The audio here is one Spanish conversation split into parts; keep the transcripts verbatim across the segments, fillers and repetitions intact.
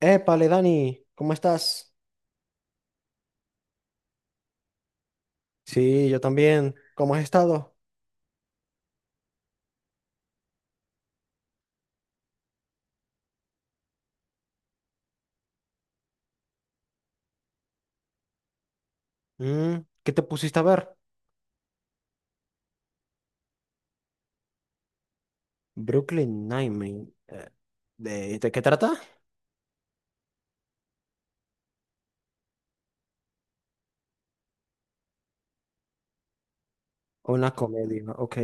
Épale, Dani, ¿cómo estás? Sí, yo también. ¿Cómo has estado? Mm, ¿qué te pusiste a ver? Brooklyn Nine-Nine. Eh, ¿De, de qué trata? Una comedia, ok.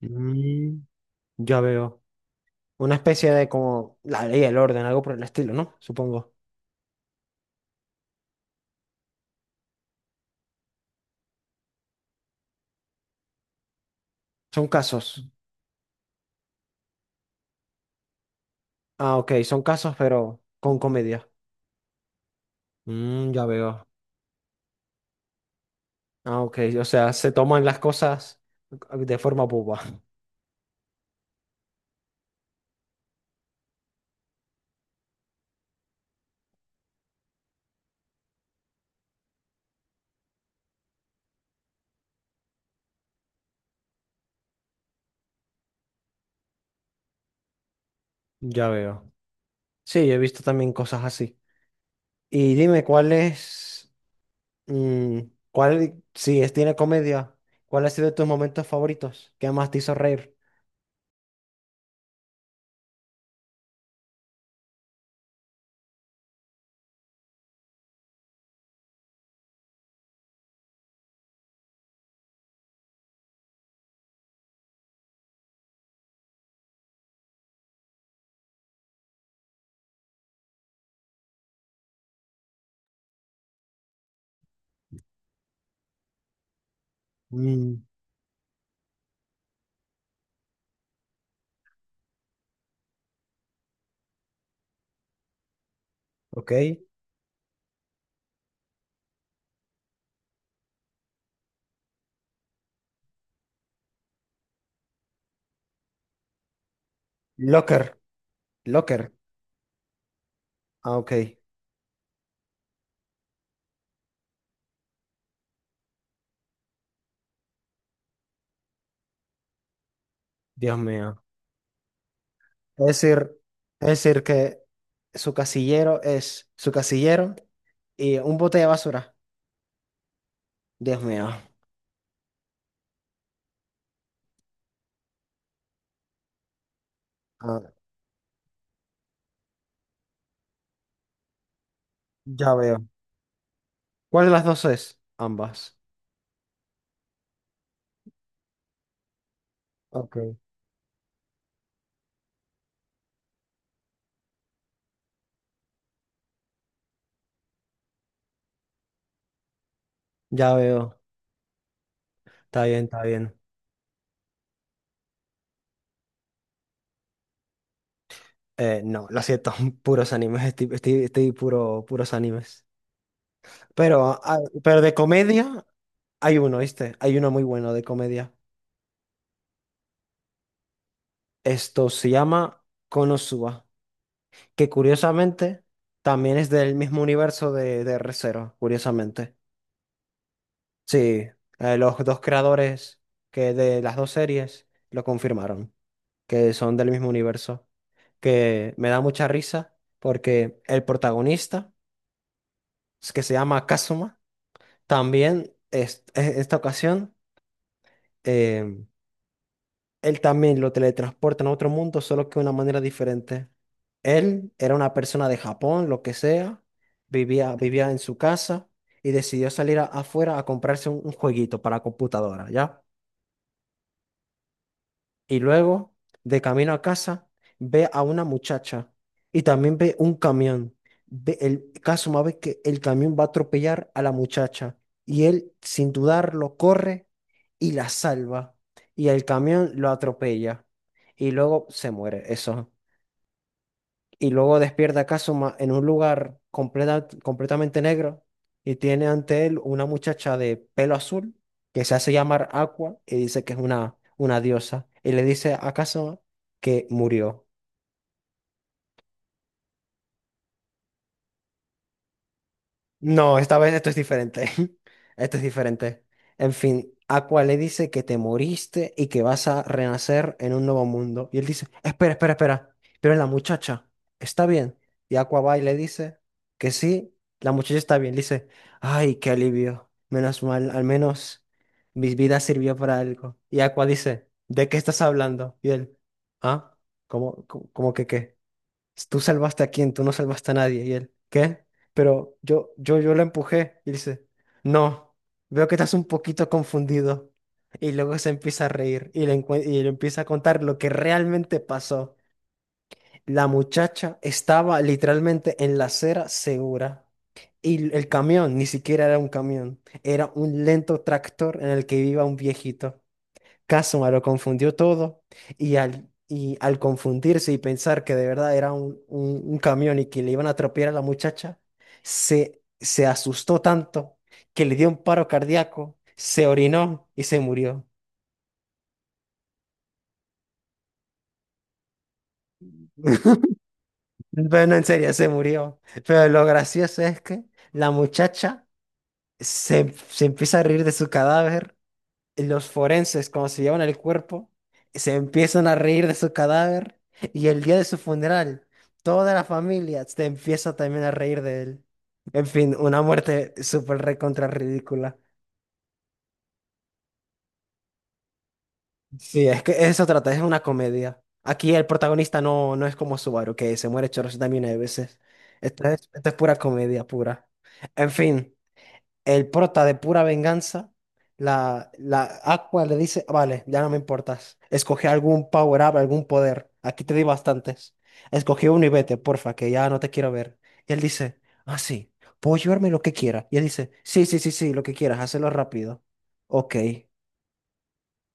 Mm, ya veo. Una especie de como la ley y el orden, algo por el estilo, ¿no? Supongo. Son casos. Ah, ok, son casos, pero con comedia. Mm, ya veo. Ah, ok, o sea, se toman las cosas de forma boba. Ya veo. Sí, he visto también cosas así. Y dime, ¿cuál es, mm, cuál, si es, tiene comedia, cuál ha sido tus momentos favoritos? ¿Qué más te hizo reír? Mm, ok. Locker, locker. Ah, ok. Dios mío. Es decir, es decir que su casillero es su casillero y un bote de basura. Dios mío. Ah, ya veo. ¿Cuál de las dos es? Ambas. Ok. Ya veo. Está bien, está bien. Eh, no, lo siento, puros animes, estoy, estoy, estoy puro, puros animes. Pero, ah, pero de comedia hay uno, ¿viste? Hay uno muy bueno de comedia. Esto se llama Konosuba, que curiosamente también es del mismo universo de, de Re:Zero, curiosamente. Sí, eh, los dos creadores que de las dos series lo confirmaron, que son del mismo universo, que me da mucha risa porque el protagonista, que se llama Kazuma, también es, en esta ocasión, em, él también lo teletransportan a otro mundo, solo que de una manera diferente. Él era una persona de Japón, lo que sea, vivía, vivía en su casa y decidió salir a- afuera a comprarse un, un jueguito para computadora, ¿ya? Y luego, de camino a casa, ve a una muchacha y también ve un camión. Ve el caso más ve que el camión va a atropellar a la muchacha y él, sin dudarlo, corre y la salva. Y el camión lo atropella y luego se muere. Eso, y luego despierta a Kazuma en un lugar completa- completamente negro, y tiene ante él una muchacha de pelo azul que se hace llamar Aqua y dice que es una, una diosa y le dice a Kazuma que murió. No, esta vez esto es diferente. Esto es diferente. En fin, Aqua le dice que te moriste y que vas a renacer en un nuevo mundo. Y él dice, espera, espera, espera. Pero la muchacha está bien. Y Aqua va y le dice que sí, la muchacha está bien. Le dice, ay, qué alivio. Menos mal, al menos mi vida sirvió para algo. Y Aqua dice, ¿de qué estás hablando? Y él, ¿ah? ¿Cómo, cómo, cómo que qué? Tú salvaste a quién, tú no salvaste a nadie. Y él, ¿qué? Pero yo, yo, yo la empujé. Y dice, no, veo que estás un poquito confundido. Y luego se empieza a reír y le, encue- y le empieza a contar lo que realmente pasó. La muchacha estaba literalmente en la acera segura. Y el camión ni siquiera era un camión, era un lento tractor en el que iba un viejito. Kazuma lo confundió todo y al, y al confundirse y pensar que de verdad era un, un, un camión y que le iban a atropellar a la muchacha, se, se asustó tanto que le dio un paro cardíaco, se orinó y se murió. Bueno, en serio, se murió. Pero lo gracioso es que la muchacha se, se empieza a reír de su cadáver, los forenses, cuando se llevan el cuerpo, se empiezan a reír de su cadáver, y el día de su funeral, toda la familia se empieza también a reír de él. En fin, una muerte súper recontra ridícula. Sí, es que eso trata, es una comedia. Aquí el protagonista no, no es como Subaru, que se muere chorros también de veces. Esto es, esto es pura comedia, pura. En fin. El prota de pura venganza, la, la Aqua le dice, vale, ya no me importas. Escoge algún power up, algún poder. Aquí te di bastantes. Escogí uno y vete, porfa, que ya no te quiero ver. Y él dice, ah, sí, puedo llevarme lo que quiera. Y él dice, sí, sí, sí, sí, lo que quieras, hazlo rápido. Ok,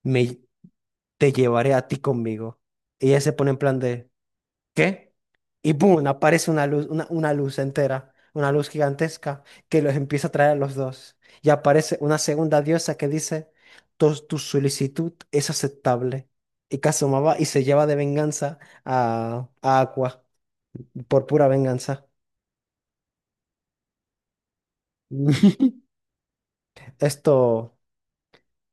me, te llevaré a ti conmigo. Y ella se pone en plan de... ¿qué? Y ¡boom! Aparece una luz, una, una luz entera, una luz gigantesca que los empieza a traer a los dos. Y aparece una segunda diosa que dice, tu, tu solicitud es aceptable. Y Kazuma va y se lleva de venganza a, a Aqua, por pura venganza. Esto,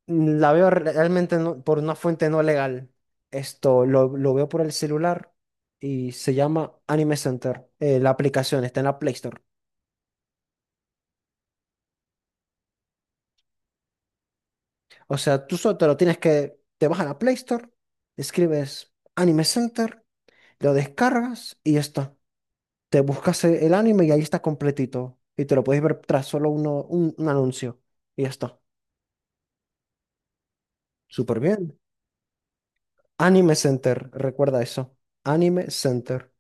mm, la veo re- realmente no- por una fuente no legal. Esto lo, lo veo por el celular y se llama Anime Center. Eh, la aplicación está en la Play Store. O sea, tú solo te lo tienes que, te vas a la Play Store, escribes Anime Center, lo descargas y ya está. Te buscas e- el anime y ahí está completito. Y te lo puedes ver tras solo uno, un, un anuncio. Y ya está. Súper bien. Anime Center, recuerda eso. Anime Center.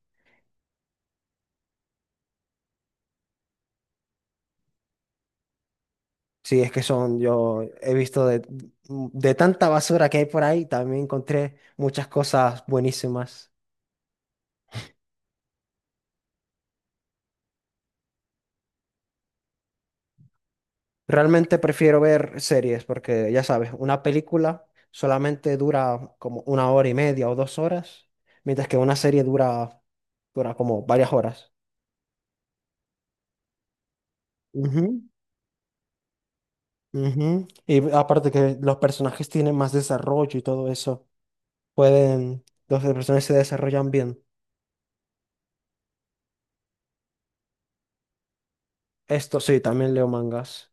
Sí, es que son, yo he visto de, de tanta basura que hay por ahí, también encontré muchas cosas buenísimas. Realmente prefiero ver series porque, ya sabes, una película solamente dura como una hora y media o dos horas, mientras que una serie dura, dura como varias horas. Ujú, ujú. Y aparte que los personajes tienen más desarrollo y todo eso, pueden, los personajes se desarrollan bien. Esto sí, también leo mangas.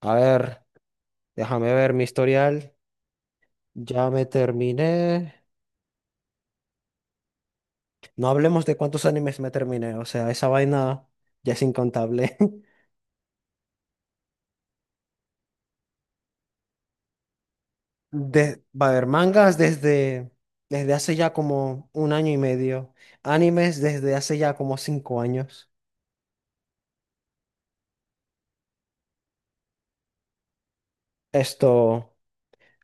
A ver, déjame ver mi historial. Ya me terminé. No hablemos de cuántos animes me terminé, o sea, esa vaina ya es incontable. De, va a haber mangas desde, desde hace ya como un año y medio, animes desde hace ya como cinco años. Esto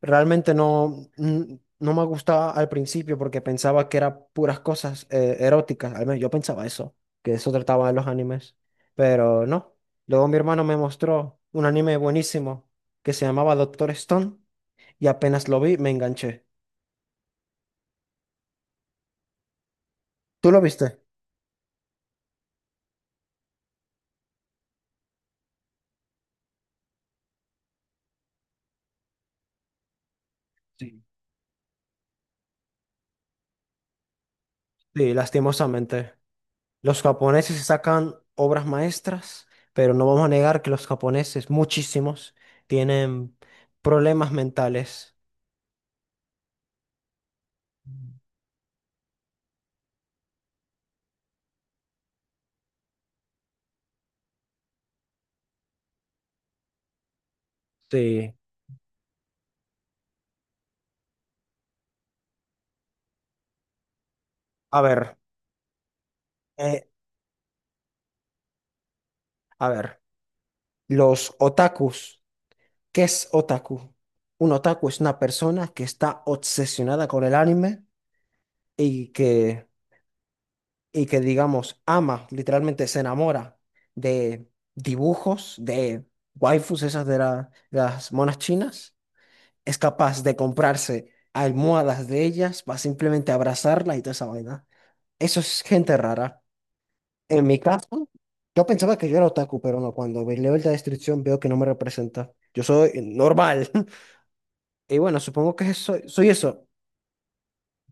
realmente no, n- no me gustaba al principio porque pensaba que eran puras cosas eh, eróticas, al menos yo pensaba eso, que eso trataba de los animes, pero no. Luego mi hermano me mostró un anime buenísimo que se llamaba Doctor Stone y apenas lo vi me enganché. ¿Tú lo viste? Sí. Sí, lastimosamente. Los japoneses sacan obras maestras, pero no vamos a negar que los japoneses, muchísimos, tienen problemas mentales. Sí. A ver, eh, a ver, los otakus, ¿qué es otaku? Un otaku es una persona que está obsesionada con el anime y que, y que digamos, ama, literalmente se enamora de dibujos, de waifus, esas de la- las monas chinas, es capaz de comprarse almohadas de ellas para simplemente abrazarla y toda esa vaina. Eso es gente rara. En mi caso, yo pensaba que yo era otaku, pero no, cuando ve- leo la descripción veo que no me representa. Yo soy normal. Y bueno, supongo que eso, soy eso.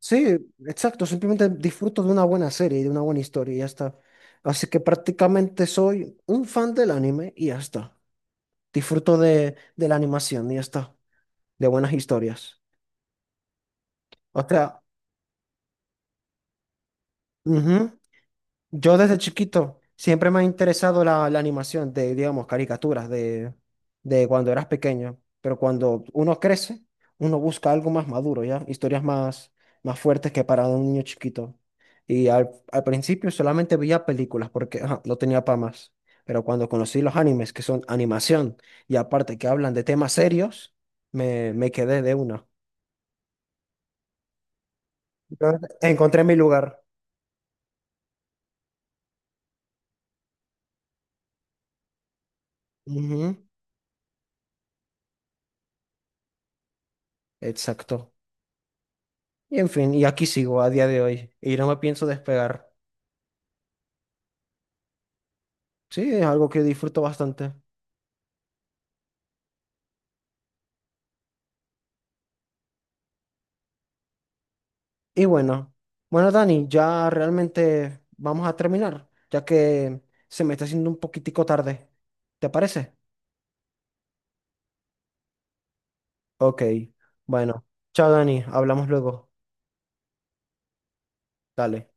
Sí, exacto, simplemente disfruto de una buena serie y de una buena historia y ya está. Así que prácticamente soy un fan del anime y ya está. Disfruto de, de la animación y ya está. De buenas historias. O sea, ujú, yo desde chiquito siempre me ha interesado la, la animación de, digamos, caricaturas de, de cuando eras pequeño, pero cuando uno crece, uno busca algo más maduro, ¿ya? Historias más, más fuertes que para un niño chiquito. Y al, al principio solamente veía películas porque ajá, no tenía para más, pero cuando conocí los animes, que son animación, y aparte que hablan de temas serios, me, me quedé de una. Yo encontré mi lugar. Ujú, exacto. Y en fin, y aquí sigo a día de hoy y no me pienso despegar. Sí, es algo que disfruto bastante. Y bueno, bueno, Dani, ya realmente vamos a terminar, ya que se me está haciendo un poquitico tarde. ¿Te parece? Ok, bueno, chao Dani, hablamos luego. Dale.